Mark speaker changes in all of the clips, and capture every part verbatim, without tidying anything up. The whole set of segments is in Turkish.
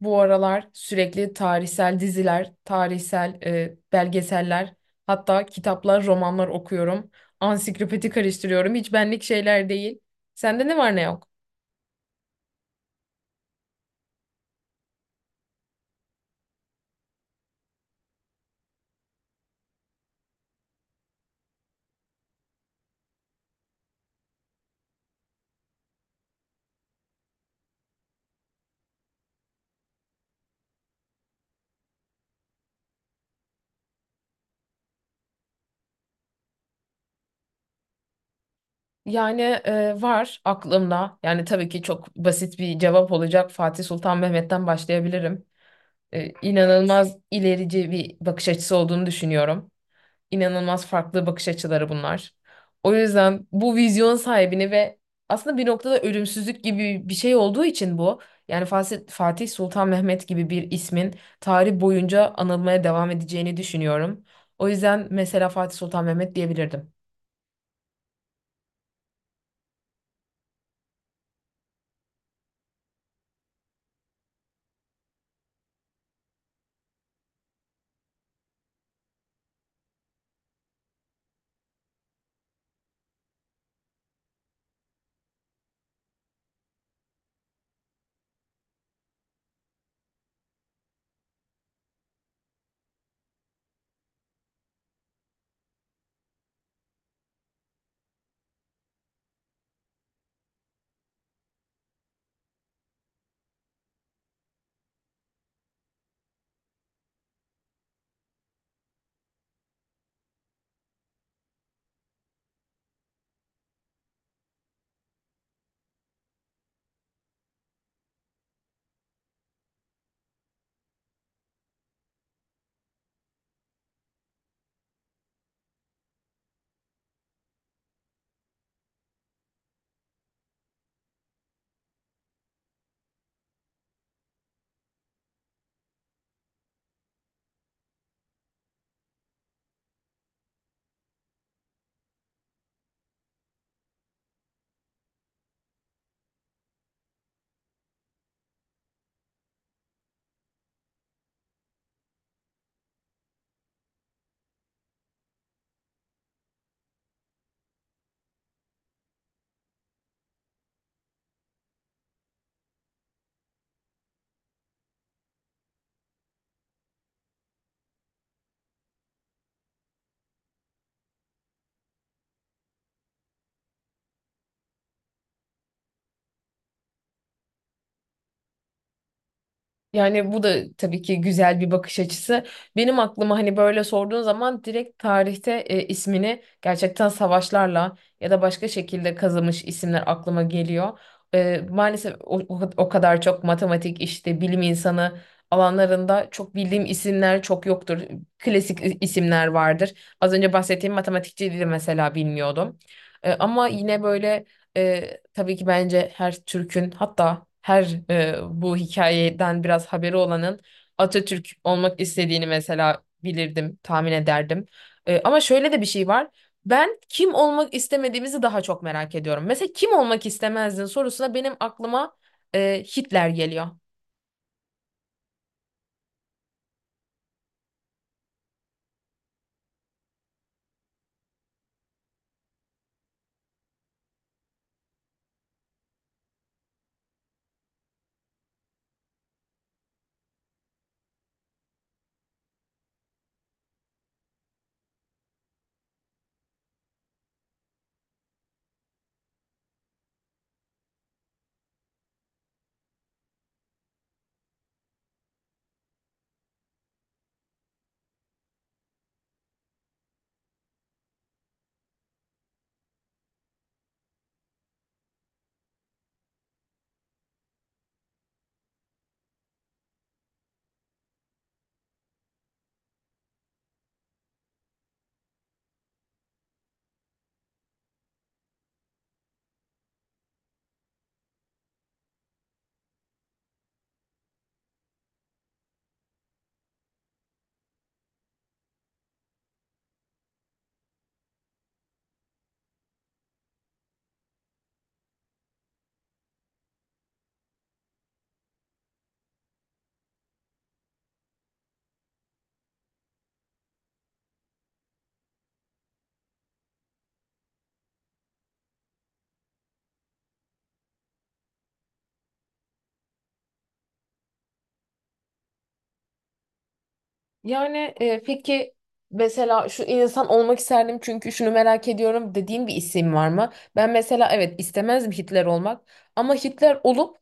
Speaker 1: Bu aralar sürekli tarihsel diziler, tarihsel e, belgeseller, hatta kitaplar, romanlar okuyorum. Ansiklopedi karıştırıyorum. Hiç benlik şeyler değil. Sende ne var ne yok? Yani e, var aklımda. Yani tabii ki çok basit bir cevap olacak. Fatih Sultan Mehmet'ten başlayabilirim. E, inanılmaz ilerici bir bakış açısı olduğunu düşünüyorum. İnanılmaz farklı bakış açıları bunlar. O yüzden bu vizyon sahibini ve aslında bir noktada ölümsüzlük gibi bir şey olduğu için bu. Yani Fasi- Fatih Sultan Mehmet gibi bir ismin tarih boyunca anılmaya devam edeceğini düşünüyorum. O yüzden mesela Fatih Sultan Mehmet diyebilirdim. Yani bu da tabii ki güzel bir bakış açısı. Benim aklıma hani böyle sorduğun zaman direkt tarihte e, ismini gerçekten savaşlarla ya da başka şekilde kazımış isimler aklıma geliyor. E, maalesef o, o o kadar çok matematik işte bilim insanı alanlarında çok bildiğim isimler çok yoktur. Klasik i- isimler vardır. Az önce bahsettiğim matematikçiydi mesela bilmiyordum. E, ama yine böyle ee, tabii ki bence her Türk'ün hatta her e, bu hikayeden biraz haberi olanın Atatürk olmak istediğini mesela bilirdim, tahmin ederdim. Ee, ama şöyle de bir şey var. Ben kim olmak istemediğimizi daha çok merak ediyorum. Mesela kim olmak istemezdin sorusuna benim aklıma e, Hitler geliyor. Yani e, peki mesela şu insan olmak isterdim çünkü şunu merak ediyorum dediğin bir isim var mı? Ben mesela evet istemezdim Hitler olmak ama Hitler olup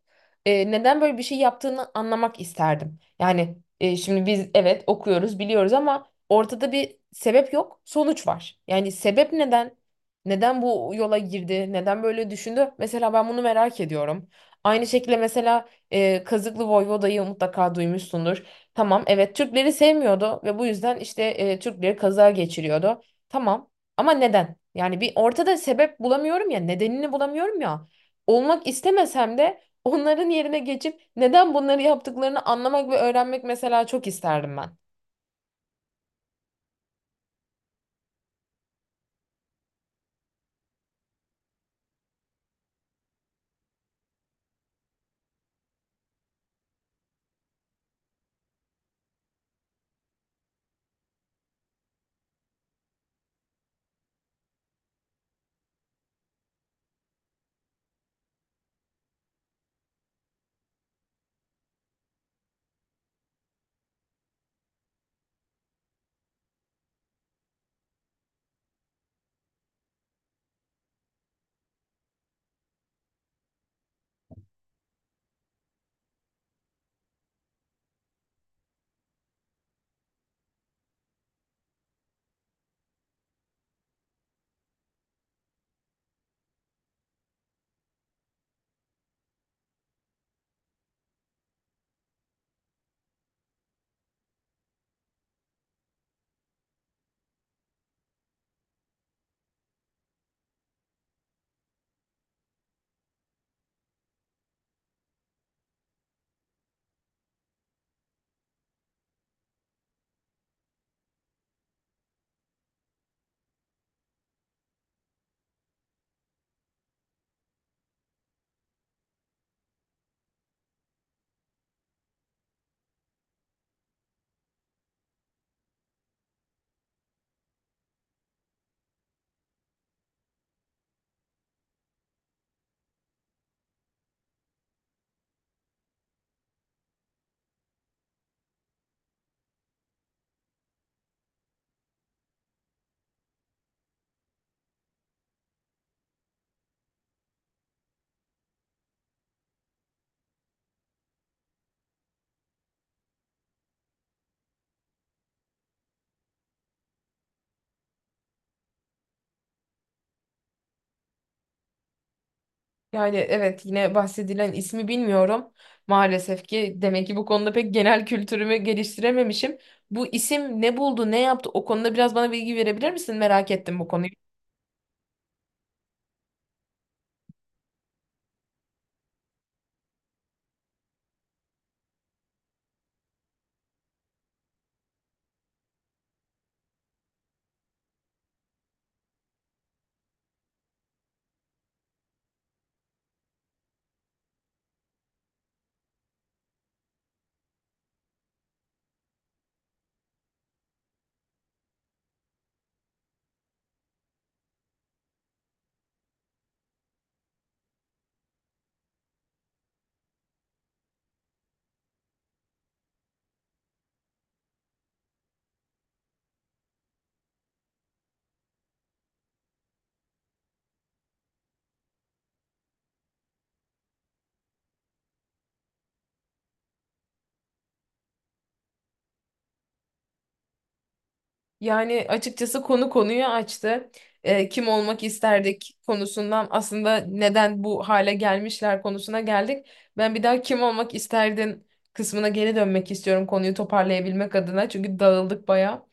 Speaker 1: e, neden böyle bir şey yaptığını anlamak isterdim. Yani e, şimdi biz evet okuyoruz biliyoruz ama ortada bir sebep yok sonuç var. Yani sebep neden? Neden bu yola girdi? Neden böyle düşündü? Mesela ben bunu merak ediyorum. Aynı şekilde mesela e, Kazıklı Voyvoda'yı mutlaka duymuşsundur. Tamam, evet, Türkleri sevmiyordu ve bu yüzden işte e, Türkleri kaza geçiriyordu. Tamam ama neden? Yani bir ortada sebep bulamıyorum ya, nedenini bulamıyorum ya. Olmak istemesem de onların yerine geçip neden bunları yaptıklarını anlamak ve öğrenmek mesela çok isterdim ben. Yani evet yine bahsedilen ismi bilmiyorum. Maalesef ki demek ki bu konuda pek genel kültürümü geliştirememişim. Bu isim ne buldu, ne yaptı? O konuda biraz bana bilgi verebilir misin? Merak ettim bu konuyu. Yani açıkçası konu konuyu açtı. Eee, kim olmak isterdik konusundan aslında neden bu hale gelmişler konusuna geldik. Ben bir daha kim olmak isterdin kısmına geri dönmek istiyorum konuyu toparlayabilmek adına. Çünkü dağıldık bayağı.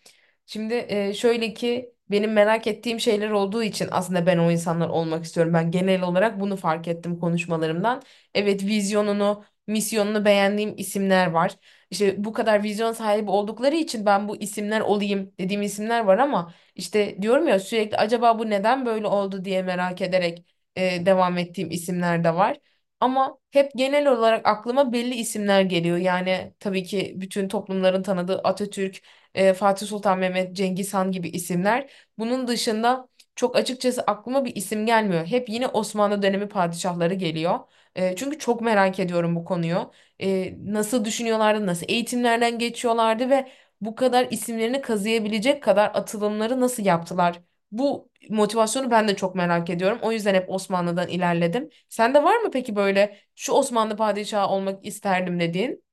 Speaker 1: Şimdi e, şöyle ki benim merak ettiğim şeyler olduğu için aslında ben o insanlar olmak istiyorum. Ben genel olarak bunu fark ettim konuşmalarımdan. Evet, vizyonunu, misyonunu beğendiğim isimler var. İşte bu kadar vizyon sahibi oldukları için ben bu isimler olayım dediğim isimler var ama işte diyorum ya sürekli acaba bu neden böyle oldu diye merak ederek e, devam ettiğim isimler de var. Ama hep genel olarak aklıma belli isimler geliyor. Yani tabii ki bütün toplumların tanıdığı Atatürk, e, Fatih Sultan Mehmet, Cengiz Han gibi isimler. Bunun dışında çok açıkçası aklıma bir isim gelmiyor. Hep yine Osmanlı dönemi padişahları geliyor. E, çünkü çok merak ediyorum bu konuyu. E, nasıl düşünüyorlardı, nasıl eğitimlerden geçiyorlardı ve bu kadar isimlerini kazıyabilecek kadar atılımları nasıl yaptılar? Bu motivasyonu ben de çok merak ediyorum. O yüzden hep Osmanlı'dan ilerledim. Sende var mı peki böyle şu Osmanlı padişahı olmak isterdim dediğin?